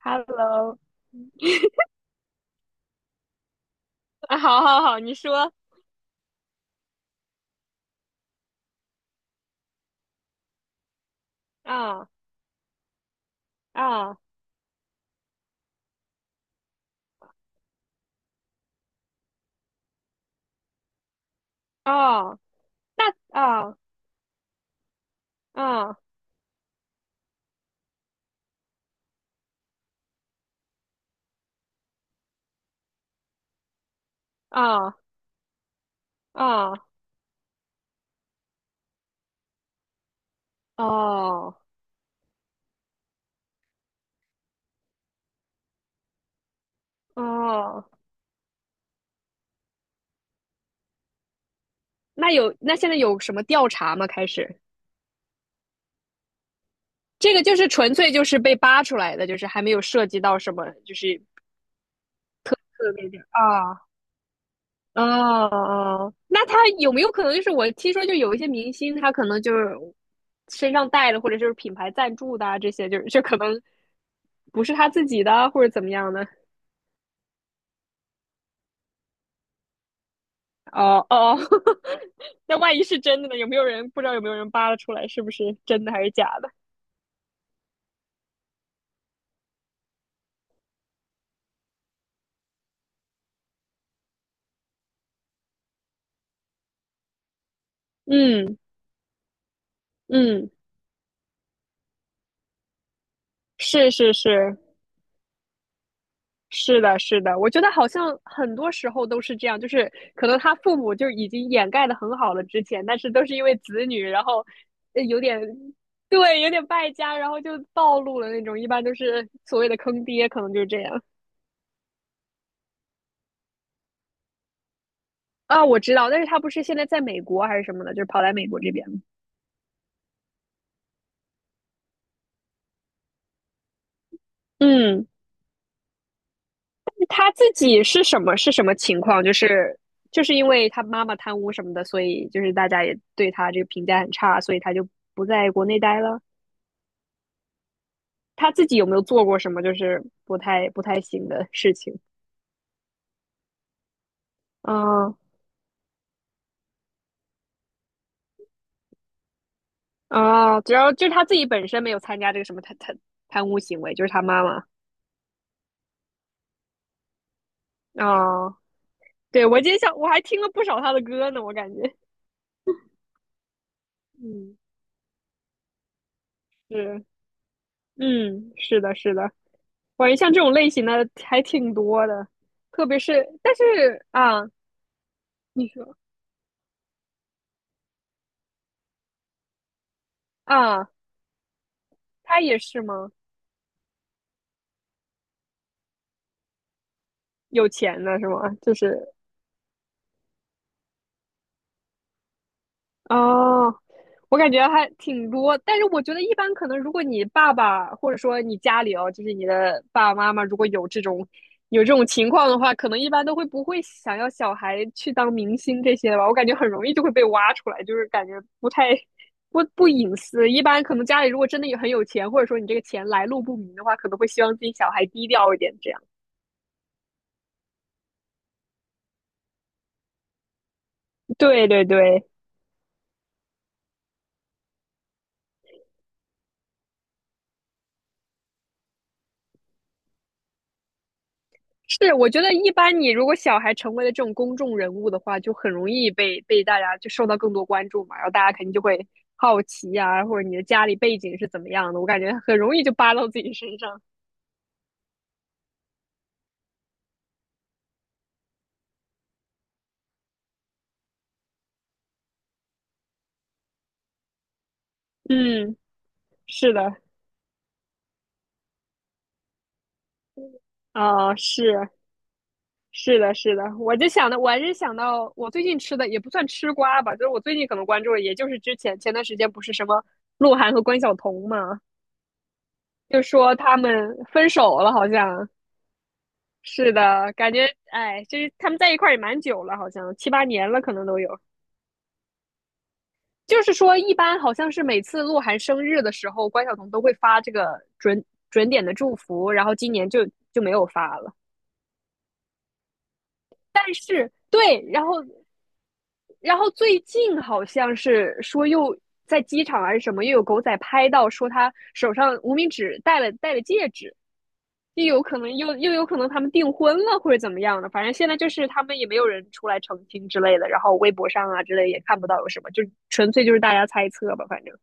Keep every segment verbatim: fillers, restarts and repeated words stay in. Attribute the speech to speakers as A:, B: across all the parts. A: Hello，啊，好好好，你说。啊啊哦。那啊啊啊啊哦哦，那有那现在有什么调查吗？开始，这个就是纯粹就是被扒出来的，就是还没有涉及到什么，就是特别的啊。啊哦，那他有没有可能就是我听说就有一些明星，他可能就是身上带的，或者就是品牌赞助的啊这些就是就可能不是他自己的，或者怎么样的？哦哦，那万一是真的呢？有没有人不知道有没有人扒拉出来是不是真的还是假的？嗯嗯，是是是，是的，是的，我觉得好像很多时候都是这样，就是可能他父母就已经掩盖的很好了之前，但是都是因为子女，然后呃有点，对有点败家，然后就暴露了那种，一般都是所谓的坑爹，可能就是这样。啊，我知道，但是他不是现在在美国还是什么的，就是跑来美国这边。嗯，他自己是什么是什么情况？就是，就是因为他妈妈贪污什么的，所以就是大家也对他这个评价很差，所以他就不在国内待了。他自己有没有做过什么就是不太不太行的事情？啊啊，主要就是他自己本身没有参加这个什么贪贪贪污行为，就是他妈妈。啊。对，我今天想我还听了不少他的歌呢，我感觉 嗯，是，嗯，是的，是的，我感觉像这种类型的还挺多的，特别是但是啊，你说啊，他也是吗？有钱的是吗？就是哦，我感觉还挺多，但是我觉得一般可能，如果你爸爸或者说你家里哦，就是你的爸爸妈妈，如果有这种，有这种情况的话，可能一般都会不会想要小孩去当明星这些吧？我感觉很容易就会被挖出来，就是感觉不太，不不隐私。一般可能家里如果真的有很有钱，或者说你这个钱来路不明的话，可能会希望自己小孩低调一点，这样。对对对。是，我觉得一般你如果小孩成为了这种公众人物的话，就很容易被被大家就受到更多关注嘛，然后大家肯定就会好奇呀，或者你的家里背景是怎么样的，我感觉很容易就扒到自己身上。嗯，是的。啊、是是的，是的，我就想到，我还是想到我最近吃的也不算吃瓜吧，就是我最近可能关注的，也就是之前前段时间不是什么鹿晗和关晓彤嘛，就说他们分手了，好像。是的，感觉哎，就是他们在一块儿也蛮久了，好像七八年了，可能都有。就是说，一般好像是每次鹿晗生日的时候，关晓彤都会发这个准准点的祝福，然后今年就，就没有发了。是对，然后，然后最近好像是说又在机场还是什么，又有狗仔拍到说他手上无名指戴了戴了戒指，又有可能，又又有可能他们订婚了或者怎么样的，反正现在就是他们也没有人出来澄清之类的，然后微博上啊之类也看不到有什么，就纯粹就是大家猜测吧，反正。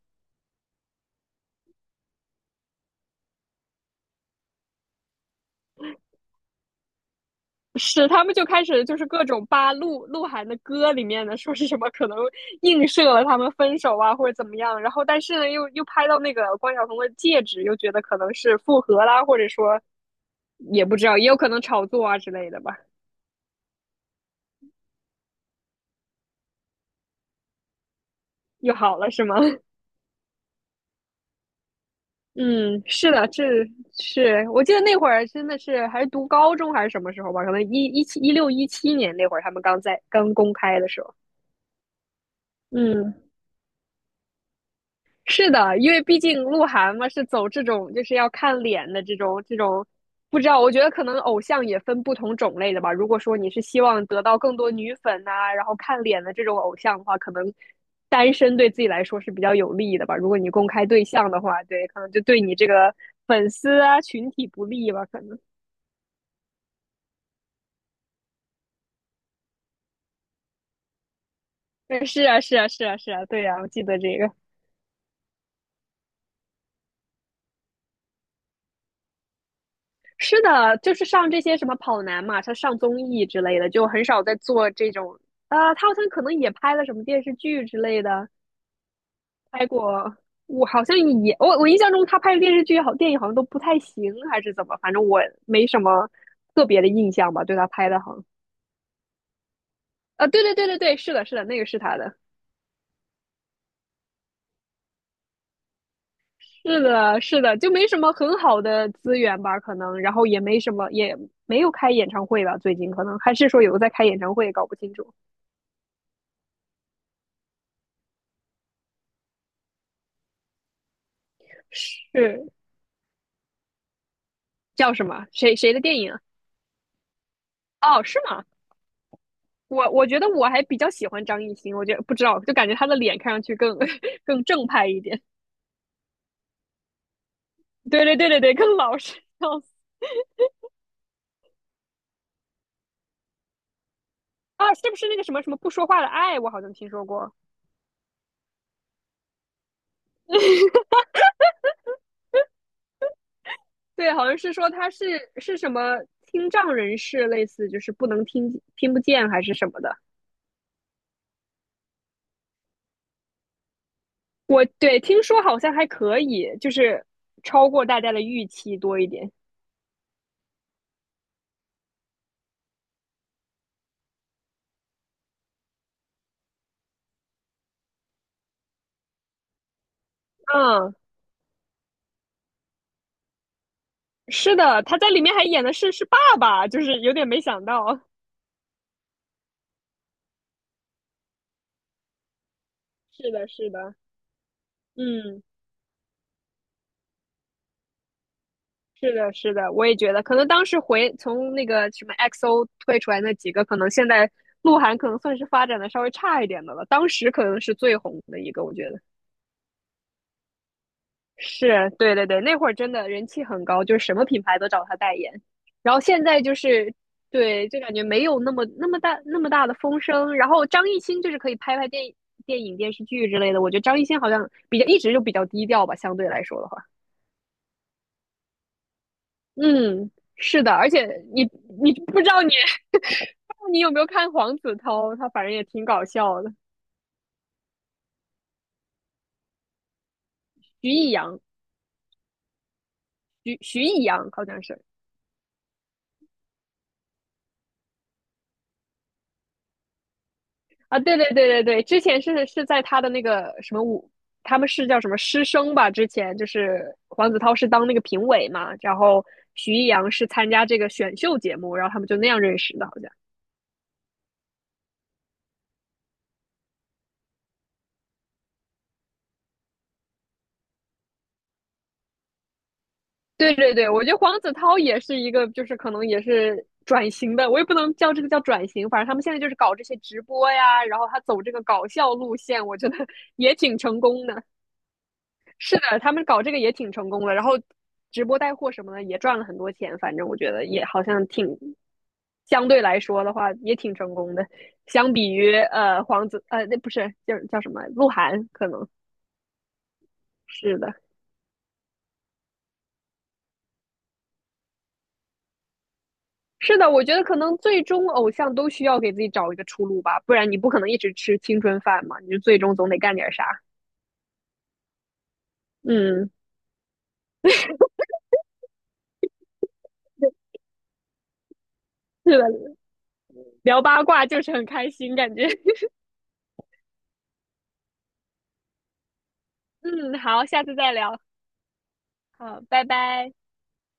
A: 是，他们就开始就是各种扒鹿鹿晗的歌里面的，说是什么可能映射了他们分手啊，或者怎么样。然后，但是呢，又又拍到那个关晓彤的戒指，又觉得可能是复合啦，或者说也不知道，也有可能炒作啊之类的吧。又好了是吗？嗯，是的，这是我记得那会儿真的是还是读高中还是什么时候吧，可能一一七一六一七年那会儿他们刚在刚公开的时候。嗯，是的，因为毕竟鹿晗嘛是走这种就是要看脸的这种这种，不知道，我觉得可能偶像也分不同种类的吧。如果说你是希望得到更多女粉呐、然后看脸的这种偶像的话，可能单身对自己来说是比较有利的吧。如果你公开对象的话，对，可能就对你这个粉丝啊群体不利吧，可能。对，是啊，是啊，是啊，是啊，对呀、我记得这个。是的，就是上这些什么跑男嘛，他上综艺之类的，就很少在做这种。啊、他好像可能也拍了什么电视剧之类的，拍过。我好像也，我我印象中他拍的电视剧好，电影好像都不太行，还是怎么？反正我没什么特别的印象吧，对他拍的好像。啊，对对对对对，是的，是的，那个是他的，是的，是的，就没什么很好的资源吧，可能，然后也没什么，也没有开演唱会吧，最近可能还是说有个在开演唱会，搞不清楚。是，叫什么？谁谁的电影啊？哦，是吗？我我觉得我还比较喜欢张艺兴，我觉得不知道，就感觉他的脸看上去更，更正派一点。对对对对对，更老实。笑死。啊，是不是那个什么什么不说话的爱？我好像听说过。对，好像是说他是是什么听障人士，类似就是不能听，听不见还是什么的。我对听说好像还可以，就是超过大家的预期多一点。嗯，是的，他在里面还演的是，是爸爸，就是有点没想到。是的，是的。嗯，是的，是的，我也觉得，可能当时回从那个什么 XO 推出来那几个，可能现在鹿晗可能算是发展的稍微差一点的了，当时可能是最红的一个，我觉得是，对对对，那会儿真的人气很高，就是什么品牌都找他代言，然后现在就是对，就感觉没有那么那么大那么大的风声，然后张艺兴就是可以拍拍电影。电影、电视剧之类的，我觉得张艺兴好像比较一直就比较低调吧，相对来说的话。嗯，是的，而且你，你不知道你 不知道你有没有看黄子韬，他反正也挺搞笑的。徐艺洋，徐徐艺洋好像是。啊，对对对对对，之前是，是在他的那个什么舞，他们是叫什么师生吧？之前就是黄子韬是当那个评委嘛，然后徐艺洋是参加这个选秀节目，然后他们就那样认识的，好像。对对对，我觉得黄子韬也是一个，就是可能也是转型的，我也不能叫这个叫转型，反正他们现在就是搞这些直播呀，然后他走这个搞笑路线，我觉得 也挺成功的。是的，他们搞这个也挺成功的，然后直播带货什么的也赚了很多钱，反正我觉得也好像挺，相对来说的话也挺成功的，相比于呃黄子呃那不是叫叫什么鹿晗，可能是的，是的，我觉得可能最终偶像都需要给自己找一个出路吧，不然你不可能一直吃青春饭嘛，你就最终总得干点啥。嗯，是的，聊八卦就是很开心，感觉。嗯，好，下次再聊。好，拜拜。